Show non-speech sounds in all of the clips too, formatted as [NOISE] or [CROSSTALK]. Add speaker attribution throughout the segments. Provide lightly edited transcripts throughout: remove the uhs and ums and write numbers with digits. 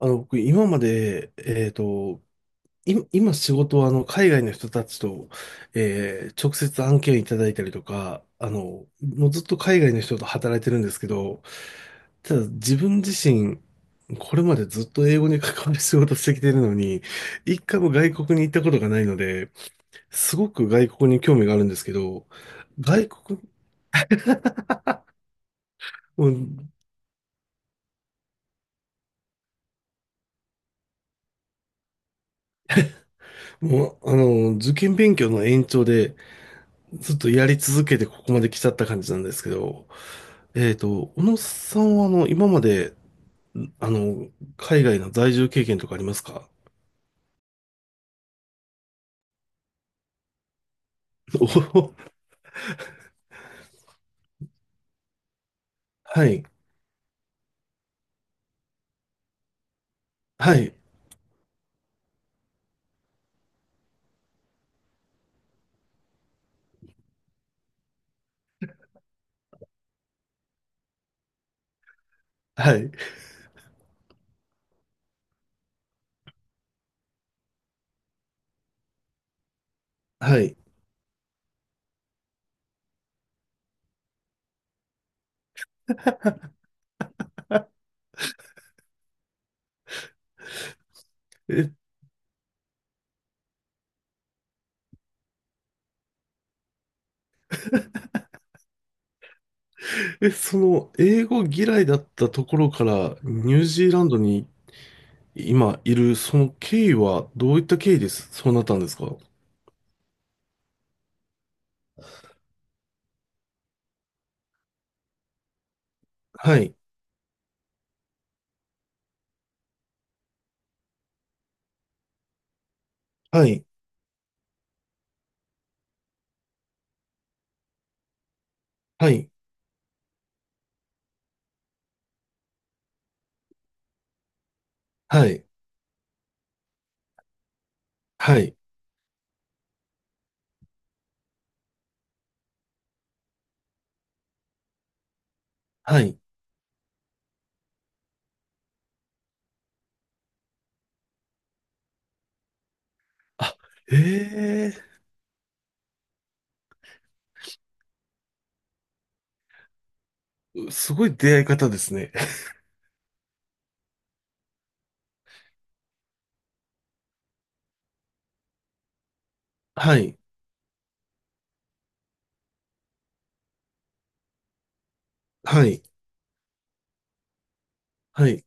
Speaker 1: 僕、今まで、今仕事は、海外の人たちと、直接案件いただいたりとか、もうずっと海外の人と働いてるんですけど、ただ自分自身、これまでずっと英語に関わる仕事してきてるのに、一回も外国に行ったことがないので、すごく外国に興味があるんですけど、外国、もう、もうあの、受験勉強の延長で、ずっとやり続けてここまで来ちゃった感じなんですけど、小野さんは、今まで、あの、海外の在住経験とかありますか？おお、[LAUGHS] はい、はい、はい、はい。え、その、英語嫌いだったところから、ニュージーランドに今いる、その経緯は、どういった経緯です、そうなったんですか？はい、はい、はい、はい、はい、はい。あ、ええ。すごい出会い方ですね。はい、はい、はい、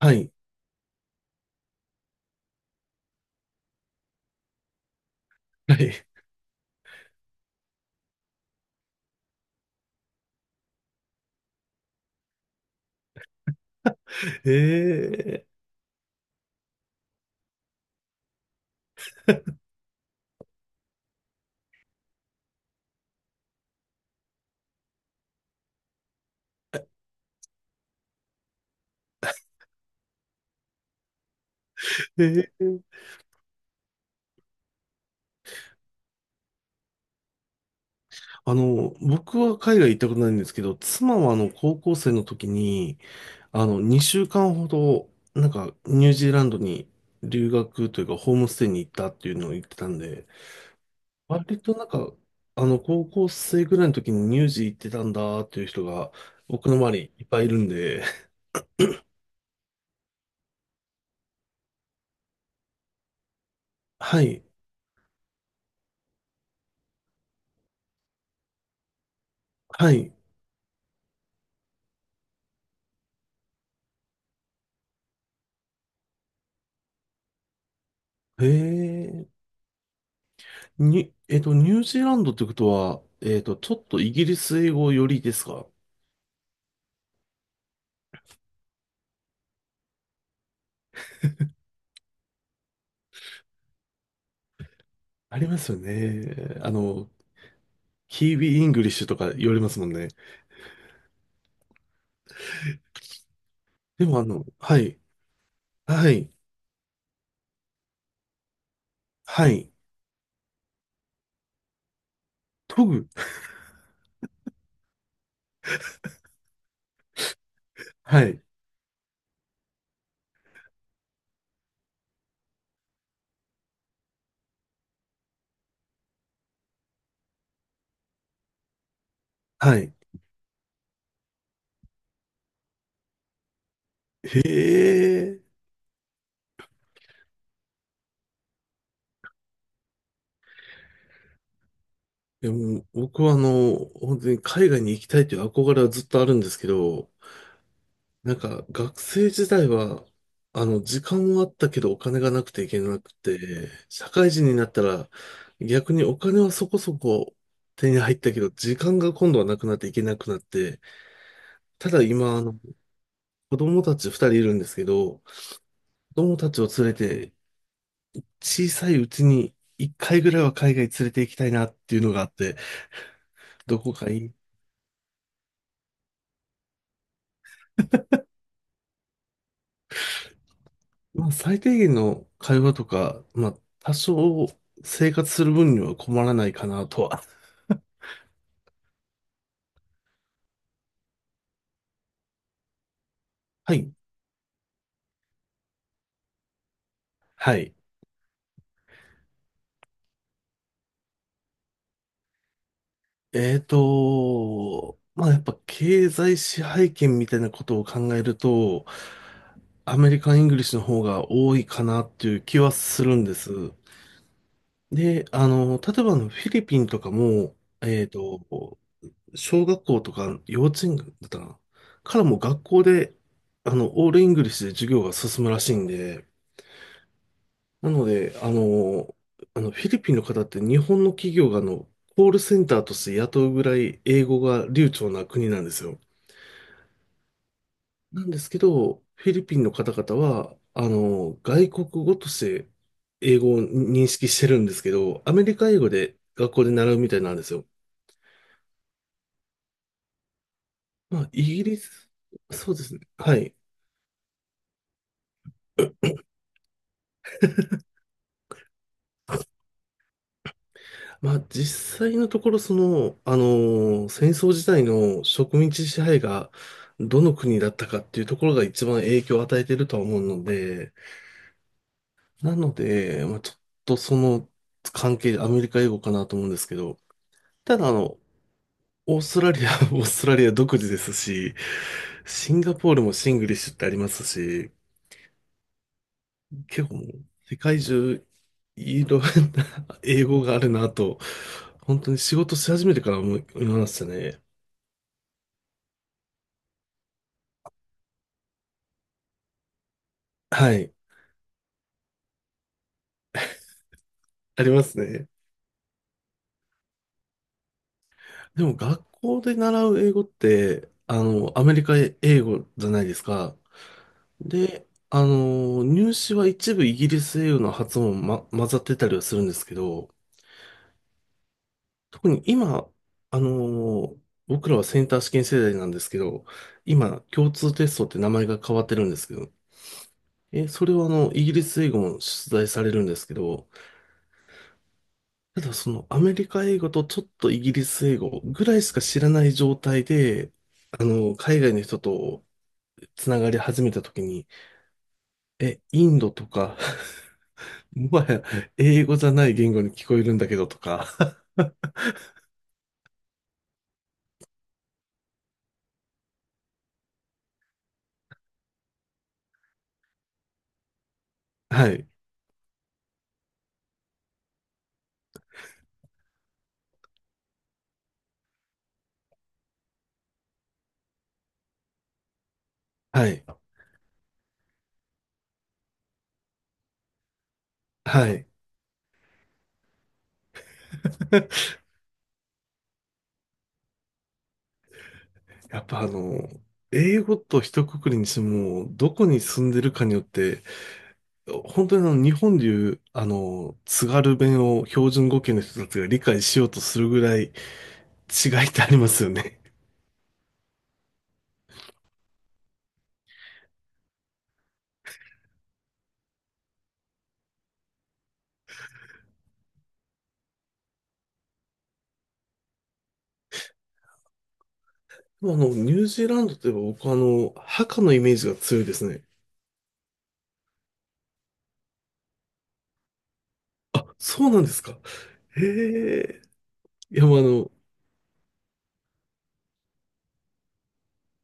Speaker 1: はい、はい。ええ。で、僕は海外行ったことないんですけど、妻は高校生の時に、2週間ほど、ニュージーランドに留学というか、ホームステイに行ったっていうのを言ってたんで、割と高校生ぐらいの時にニュージー行ってたんだっていう人が、僕の周りいっぱいいるんで、[LAUGHS] はい、はい、へえ、に、えっと、ニュージーランドってことは、ちょっとイギリス英語よりですか？ありますよね。あの、キービーイングリッシュとか言われますもんね。でもあの、はい、はい、はい、トグ、はい、はい。へえ。でも僕はあの、本当に海外に行きたいという憧れはずっとあるんですけど、なんか学生時代は、時間はあったけどお金がなくていけなくて、社会人になったら逆にお金はそこそこ手に入ったけど、時間が今度はなくなっていけなくなって、ただ今、子供たち二人いるんですけど、子供たちを連れて、小さいうちに一回ぐらいは海外連れて行きたいなっていうのがあって、どこかいい、まあ最低限の会話とか、まあ多少生活する分には困らないかなとは。はい。はい。まあやっぱ経済支配権みたいなことを考えると、アメリカン・イングリッシュの方が多いかなっていう気はするんです。で、例えばあのフィリピンとかも、えーと、小学校とか幼稚園だったかなからもう学校で、オールイングリッシュで授業が進むらしいんで、なので、フィリピンの方って日本の企業があの、コールセンターとして雇うぐらい英語が流暢な国なんですよ。なんですけど、フィリピンの方々は、外国語として英語を認識してるんですけど、アメリカ英語で学校で習うみたいなんですよ。まあ、イギリス、そうですね。はい。まあ実際のところその、戦争時代の植民地支配がどの国だったかっていうところが一番影響を与えているとは思うので、なので、まあちょっとその関係でアメリカ英語かなと思うんですけど、ただあの、オーストラリア、[LAUGHS] オーストラリア独自ですし、シンガポールもシングリッシュってありますし、結構もう世界中いろんな [LAUGHS] 英語があるなと、本当に仕事し始めてから思いましたね。はい。ありますね。でも学校で習う英語って、アメリカ英語じゃないですか。で、入試は一部イギリス英語の発音も、混ざってたりはするんですけど、特に今、あの、僕らはセンター試験世代なんですけど、今、共通テストって名前が変わってるんですけど、それはあの、イギリス英語も出題されるんですけど、ただそのアメリカ英語とちょっとイギリス英語ぐらいしか知らない状態で、海外の人とつながり始めた時に、インドとか、[LAUGHS] もはや英語じゃない言語に聞こえるんだけどとか、[LAUGHS] はい、はい、はい。[LAUGHS] やっぱあの、英語と一括りにしても、どこに住んでるかによって、本当にあの、日本でいう、津軽弁を標準語圏の人たちが理解しようとするぐらい違いってありますよね。あの、ニュージーランドといえば僕はあの、墓のイメージが強いですね。あ、そうなんですか。へえ。いや、もうあの、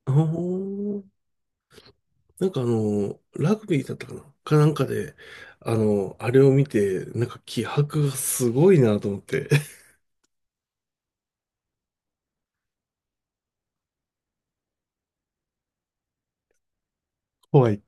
Speaker 1: あーラグビーだったかなんかで、あれを見て、なんか気迫がすごいなと思って。[LAUGHS] 怖い。